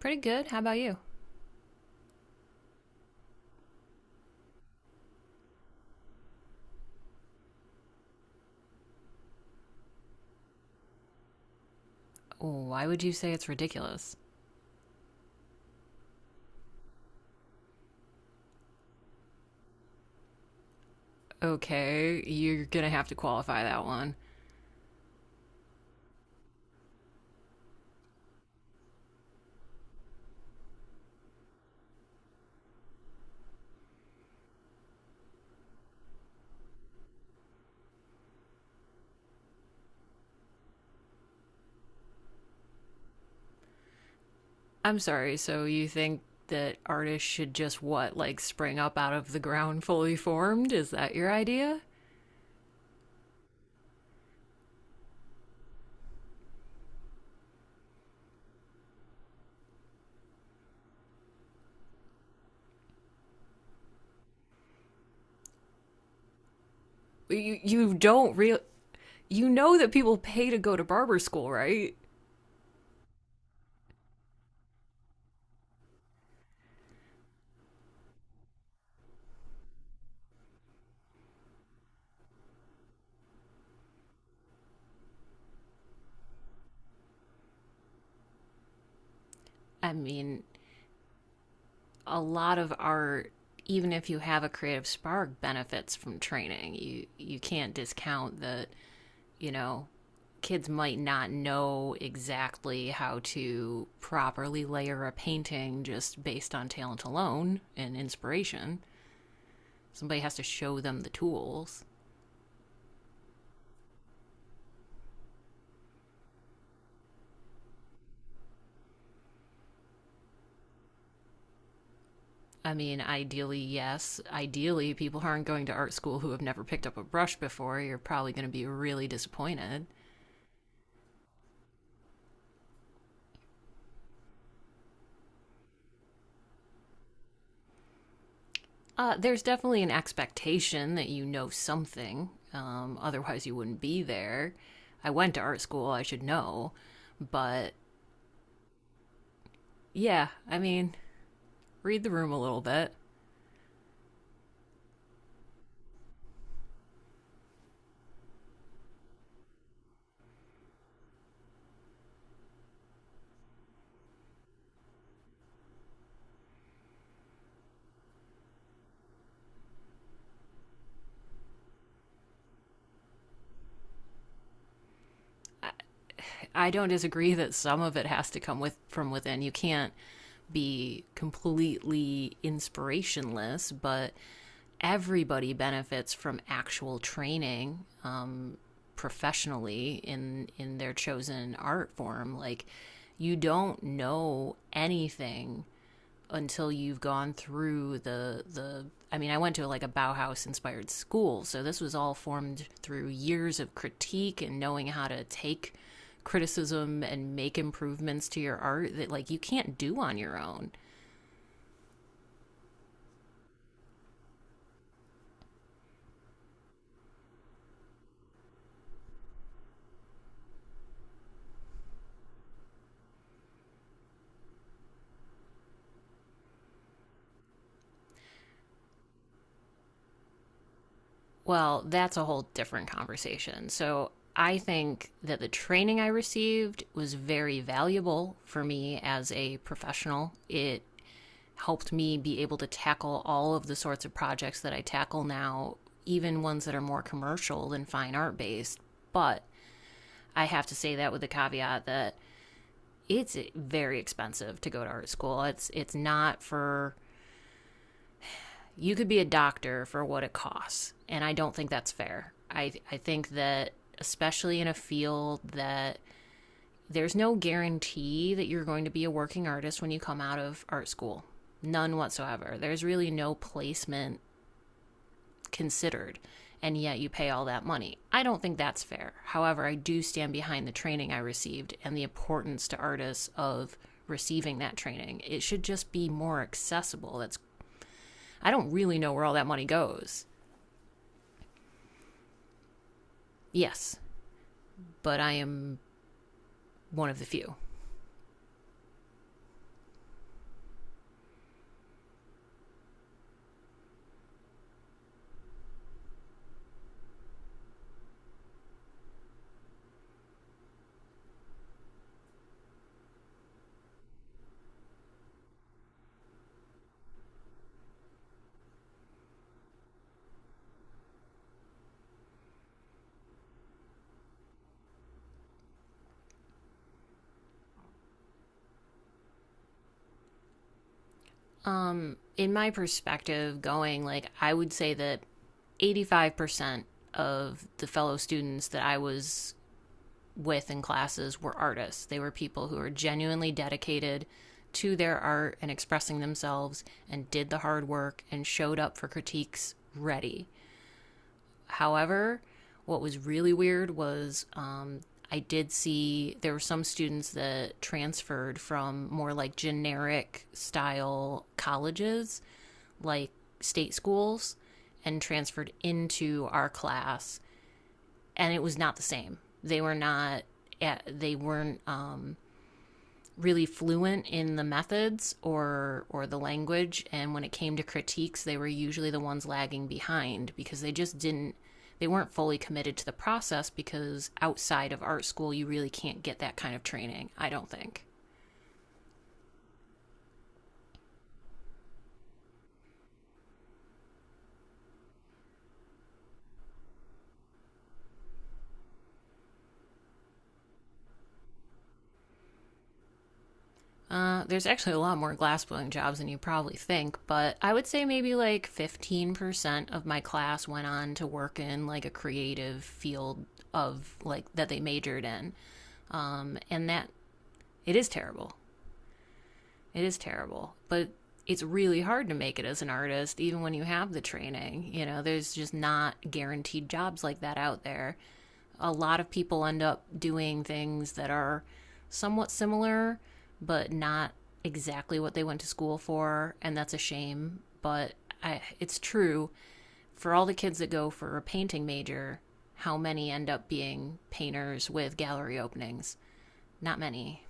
Pretty good. How about you? Why would you say it's ridiculous? Okay, you're gonna have to qualify that one. I'm sorry, so you think that artists should just what, like spring up out of the ground fully formed? Is that your idea? You don't real. You know that people pay to go to barber school, right? I mean, a lot of art, even if you have a creative spark, benefits from training. You can't discount that you know, kids might not know exactly how to properly layer a painting just based on talent alone and inspiration. Somebody has to show them the tools. I mean, ideally, yes. Ideally, people aren't going to art school who have never picked up a brush before, you're probably going to be really disappointed. There's definitely an expectation that you know something, otherwise, you wouldn't be there. I went to art school, I should know. But yeah, I mean, read the room a little bit. I don't disagree that some of it has to come with from within. You can't be completely inspirationless, but everybody benefits from actual training professionally in their chosen art form. Like you don't know anything until you've gone through the I mean I went to like a Bauhaus inspired school, so this was all formed through years of critique and knowing how to take criticism and make improvements to your art that like you can't do on your own. Well, that's a whole different conversation. So I think that the training I received was very valuable for me as a professional. It helped me be able to tackle all of the sorts of projects that I tackle now, even ones that are more commercial than fine art based. But I have to say that with the caveat that it's very expensive to go to art school. It's not for you could be a doctor for what it costs, and I don't think that's fair. I think that especially in a field that there's no guarantee that you're going to be a working artist when you come out of art school. None whatsoever. There's really no placement considered, and yet you pay all that money. I don't think that's fair. However, I do stand behind the training I received and the importance to artists of receiving that training. It should just be more accessible. That's I don't really know where all that money goes. Yes, but I am one of the few. In my perspective going, like, I would say that 85% of the fellow students that I was with in classes were artists. They were people who were genuinely dedicated to their art and expressing themselves and did the hard work and showed up for critiques ready. However, what was really weird was I did see there were some students that transferred from more like generic style colleges, like state schools, and transferred into our class, and it was not the same. They were not they weren't really fluent in the methods or the language, and when it came to critiques they were usually the ones lagging behind because they just didn't they weren't fully committed to the process, because outside of art school you really can't get that kind of training I don't think. There's actually a lot more glass blowing jobs than you probably think, but I would say maybe like 15% of my class went on to work in like a creative field of like that they majored in. And that it is terrible. It is terrible, but it's really hard to make it as an artist, even when you have the training. You know, there's just not guaranteed jobs like that out there. A lot of people end up doing things that are somewhat similar, but not exactly what they went to school for, and that's a shame. But I, it's true, for all the kids that go for a painting major, how many end up being painters with gallery openings? Not many.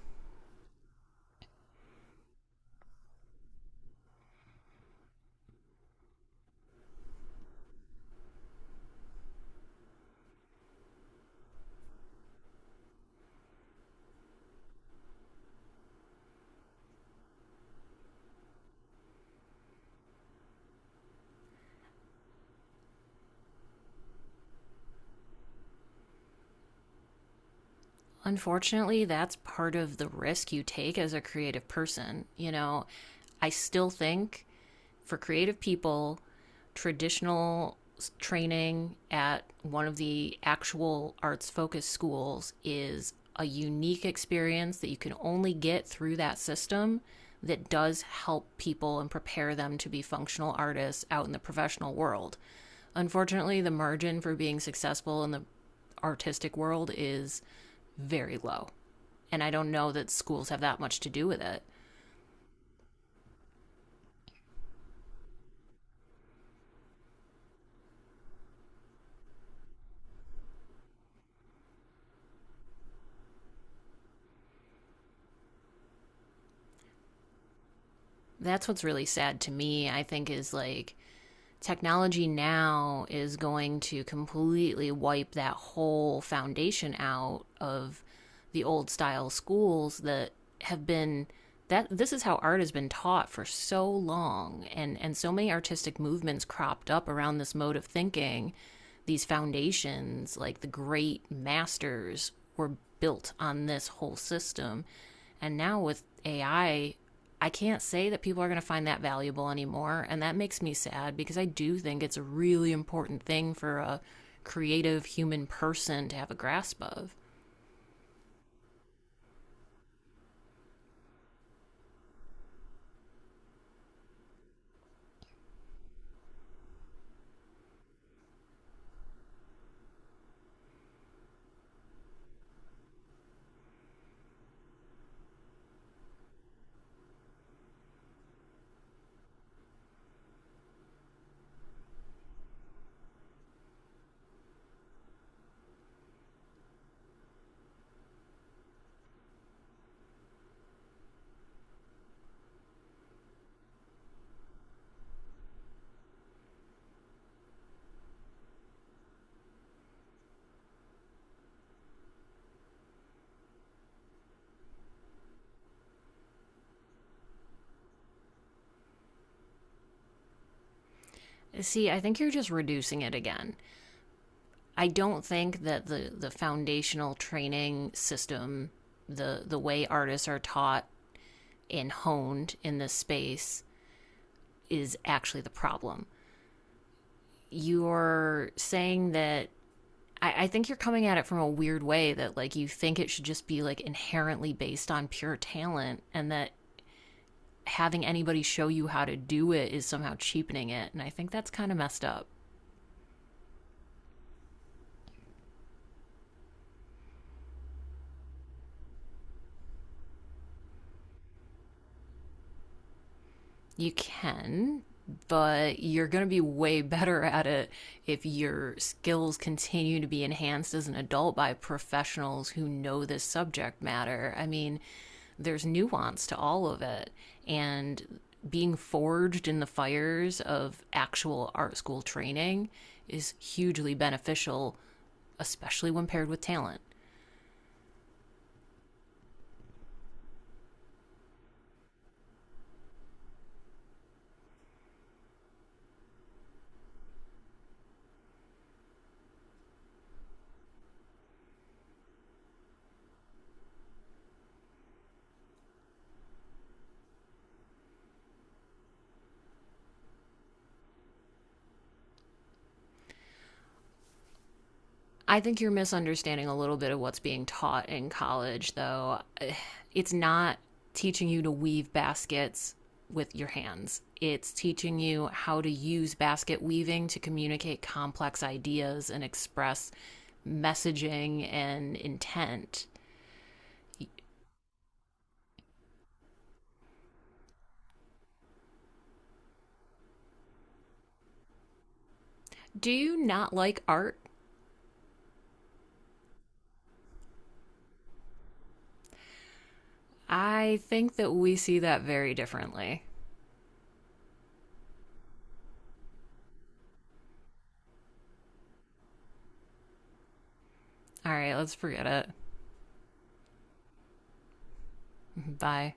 Unfortunately, that's part of the risk you take as a creative person. You know, I still think for creative people traditional training at one of the actual arts focused schools is a unique experience that you can only get through that system, that does help people and prepare them to be functional artists out in the professional world. Unfortunately, the margin for being successful in the artistic world is very low. And I don't know that schools have that much to do with it. That's what's really sad to me, I think, is like technology now is going to completely wipe that whole foundation out of the old style schools that have been that this is how art has been taught for so long, and so many artistic movements cropped up around this mode of thinking, these foundations like the great masters were built on this whole system, and now with AI I can't say that people are going to find that valuable anymore. And that makes me sad because I do think it's a really important thing for a creative human person to have a grasp of. See, I think you're just reducing it again. I don't think that the foundational training system, the way artists are taught and honed in this space, is actually the problem. You're saying that I think you're coming at it from a weird way that like you think it should just be like inherently based on pure talent, and that having anybody show you how to do it is somehow cheapening it. And I think that's kind of messed up. You can, but you're going to be way better at it if your skills continue to be enhanced as an adult by professionals who know this subject matter. I mean, there's nuance to all of it. And being forged in the fires of actual art school training is hugely beneficial, especially when paired with talent. I think you're misunderstanding a little bit of what's being taught in college, though. It's not teaching you to weave baskets with your hands, it's teaching you how to use basket weaving to communicate complex ideas and express messaging and intent. Do you not like art? I think that we see that very differently. All right, let's forget it. Bye.